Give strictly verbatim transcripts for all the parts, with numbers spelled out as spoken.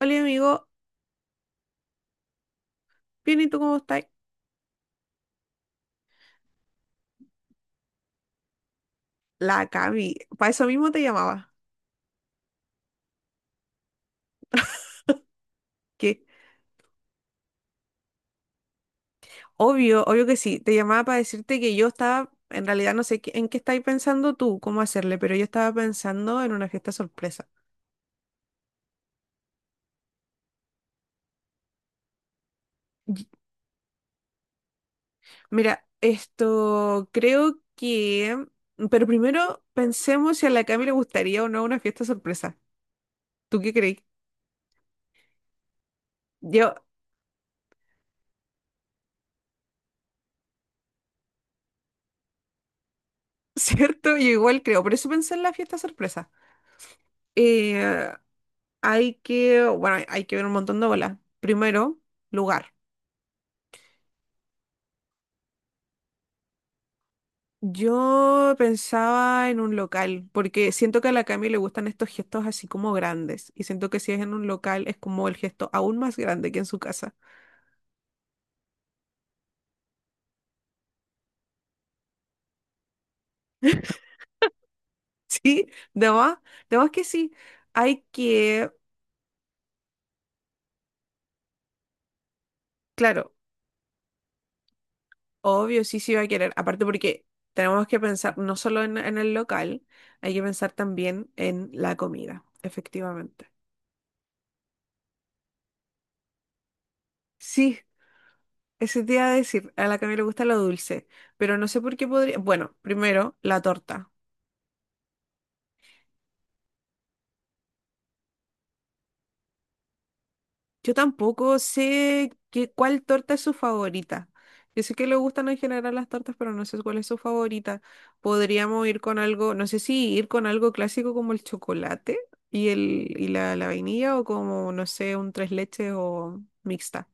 Hola amigo, bien, ¿y tú cómo estás? La Cami, para eso mismo te llamaba. Que obvio, obvio que sí, te llamaba para decirte que yo estaba, en realidad no sé qué- en qué estáis pensando tú, cómo hacerle, pero yo estaba pensando en una fiesta sorpresa. Y- Mira, esto creo que, pero primero pensemos si a la Cami le gustaría o no una fiesta sorpresa. ¿Tú qué crees? Yo, ¿cierto? Yo igual creo, por eso pensé en la fiesta sorpresa. Eh, Hay que, bueno, hay que ver un montón de bolas. Primero, lugar. Yo pensaba en un local, porque siento que a la Cami le gustan estos gestos así como grandes, y siento que si es en un local es como el gesto aún más grande que en su casa. Sí, de más, de más que sí. Hay que, claro, obvio, sí, sí va a querer. Aparte porque tenemos que pensar no solo en, en el local, hay que pensar también en la comida, efectivamente. Sí, ese te iba a decir, a la Cami le gusta lo dulce, pero no sé por qué podría. Bueno, primero, la torta. Yo tampoco sé qué, cuál torta es su favorita. Yo sé que le gustan en general las tortas, pero no sé cuál es su favorita. Podríamos ir con algo, no sé si ir con algo clásico como el chocolate y, el, y la, la vainilla, o como, no sé, un tres leches o mixta.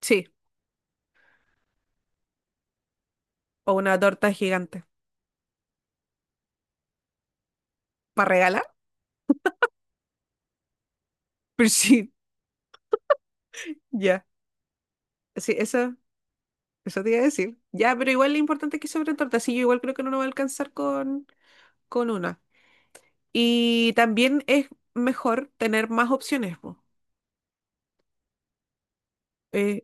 Sí, o una torta gigante. ¿Para regalar? Pero sí, ya. Sí, eso. Eso te iba a decir. Ya, pero igual lo importante es que sobre torta. Sí, yo igual creo que no nos va a alcanzar con, con una. Y también es mejor tener más opciones, po. Eh,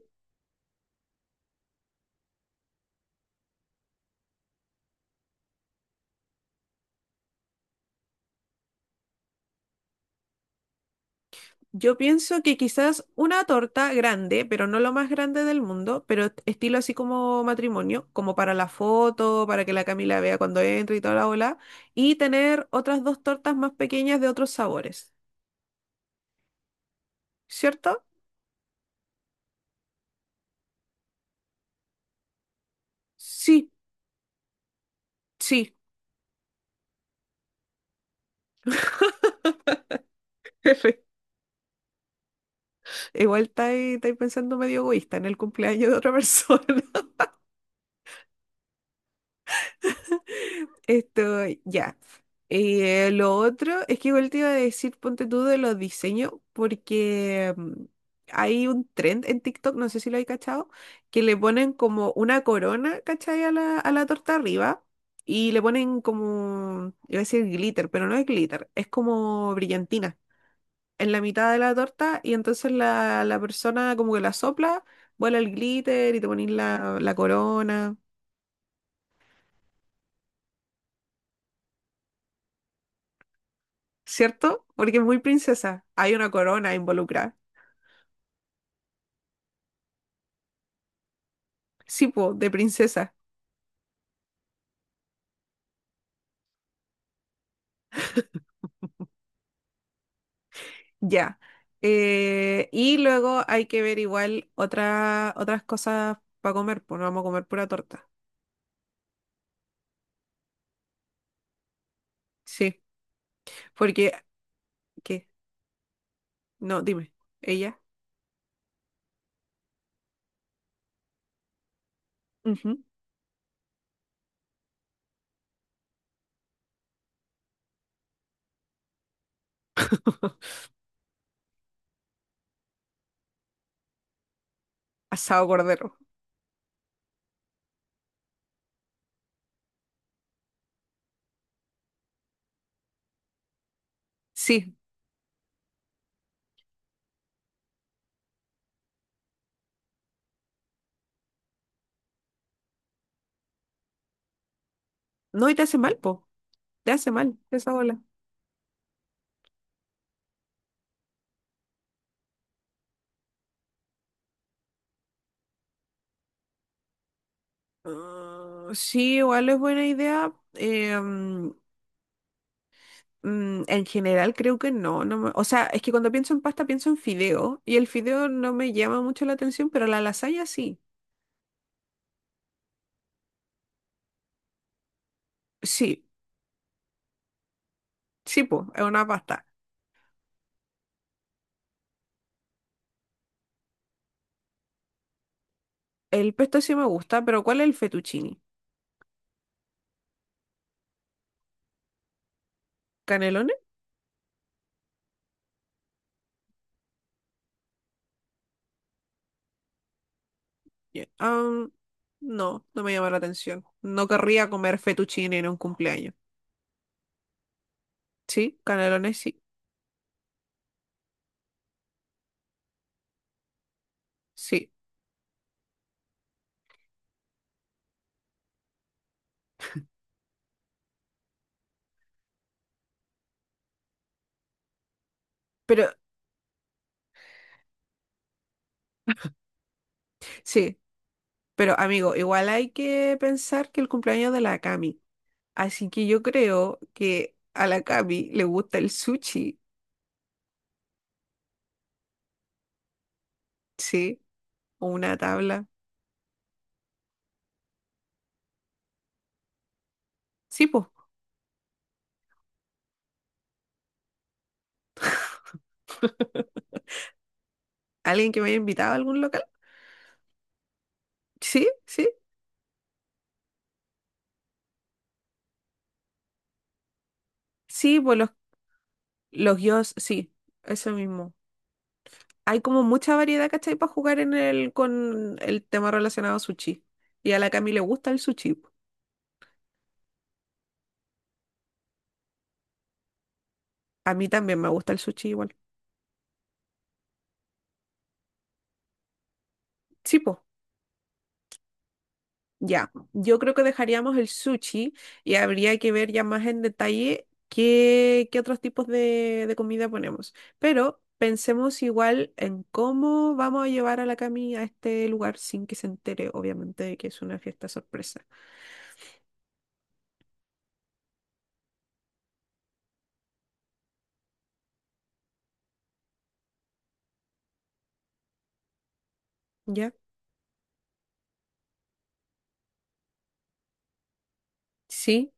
yo pienso que quizás una torta grande, pero no lo más grande del mundo, pero est- estilo así como matrimonio, como para la foto, para que la Camila vea cuando entre y toda la bola. Y tener otras dos tortas más pequeñas de otros sabores. ¿Cierto? Sí, sí. Igual estáis estáis pensando medio egoísta en el cumpleaños de otra persona. Esto, ya. Eh, lo otro es que igual te iba a decir, ponte tú de los diseños, porque mm, hay un trend en TikTok, no sé si lo hay cachado, que le ponen como una corona, ¿cachai? A la, a la torta arriba y le ponen como, iba a decir glitter, pero no es glitter, es como brillantina en la mitad de la torta y entonces la, la persona como que la sopla, vuela el glitter y te pones la, la corona, ¿cierto? Porque es muy princesa, hay una corona involucrada, sí, po, de princesa, ya. Eh, y luego hay que ver igual otra, otras cosas para comer, pues no vamos a comer pura torta, sí, porque, ¿qué? No, dime, ella. Ujú. Asado cordero. Sí, no, y te hace mal, po. Te hace mal esa bola. Ah, sí, igual es buena idea. Eh, mm, mm, en general creo que no, no me- o sea, es que cuando pienso en pasta pienso en fideo y el fideo no me llama mucho la atención, pero la lasaña sí. Sí, sí, pues, es una pasta. El pesto sí me gusta, pero ¿cuál es el fettuccine? ¿Canelones? Ya. Ah, no, no me llama la atención. No querría comer fettuccine en un cumpleaños. Sí, canelones sí, sí. Pero, sí, pero amigo, igual hay que pensar que el cumpleaños de la Cami. Así que yo creo que a la Cami le gusta el sushi, ¿sí? O una tabla. Sí, pues. ¿Alguien que me haya invitado a algún local? Sí, sí. Sí, pues los, los gyos, sí, eso mismo. Hay como mucha variedad, ¿cachai? Para jugar en el, con el tema relacionado a sushi. Y a la Cami le gusta el sushi, po. A mí también me gusta el sushi igual. Sí, pues. Ya, yo creo que dejaríamos el sushi y habría que ver ya más en detalle qué, qué otros tipos de, de comida ponemos. Pero pensemos igual en cómo vamos a llevar a la Cami a este lugar sin que se entere, obviamente, de que es una fiesta sorpresa. ¿Ya? Sí,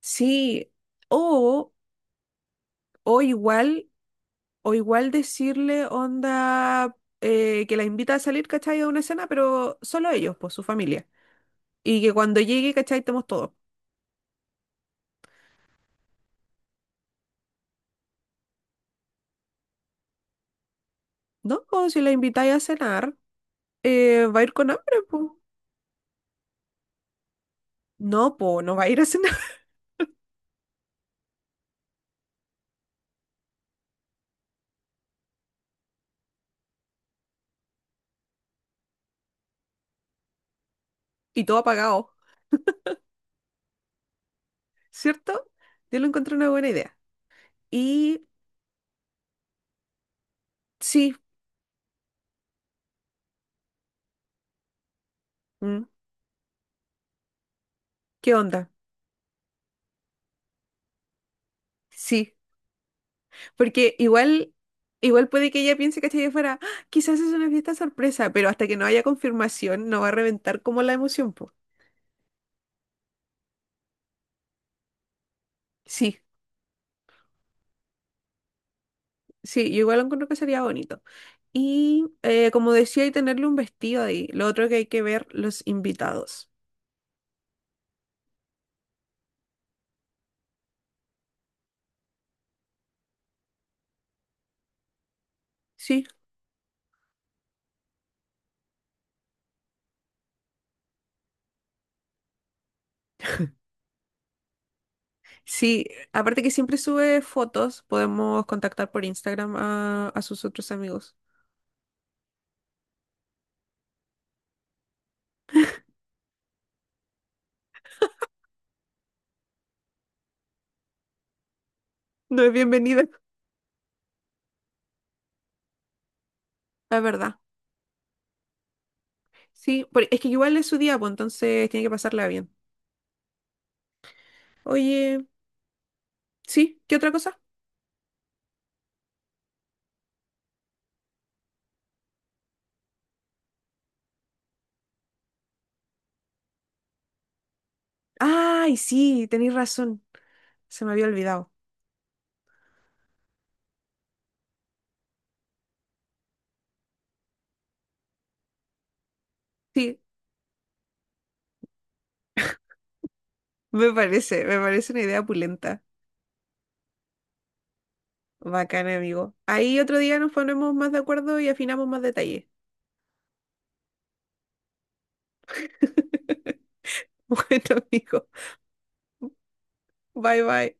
sí. O, o igual, o igual decirle onda eh, que la invita a salir, ¿cachai? A una cena, pero solo ellos, pues su familia. Y que cuando llegue, ¿cachai? Estemos todos. No, si la invitáis a cenar, eh, va a ir con hambre, po. No, po, no va a ir a cenar. Y todo apagado, ¿cierto? Yo lo encontré una buena idea. Y sí, mm, ¿qué onda? Sí, porque igual, igual puede que ella piense, ¿cachai? Que fuera, "Ah, quizás es una fiesta sorpresa, pero hasta que no haya confirmación no va a reventar como la emoción, po. Sí, sí, yo igual encuentro que sería bonito. Y eh, como decía, y tenerle un vestido ahí. Lo otro que hay que ver, los invitados. Sí, sí, aparte que siempre sube fotos, podemos contactar por Instagram a, a sus otros amigos. No es bienvenida, la verdad. Sí, por- es que igual es su día, pues entonces tiene que pasarla bien. Oye, sí, ¿qué otra cosa? Ay, sí, tenéis razón. Se me había olvidado. Sí, me parece, me parece una idea pulenta. Bacana, amigo. Ahí otro día nos ponemos más de acuerdo y afinamos más detalles. Bueno, amigo. Bye, bye.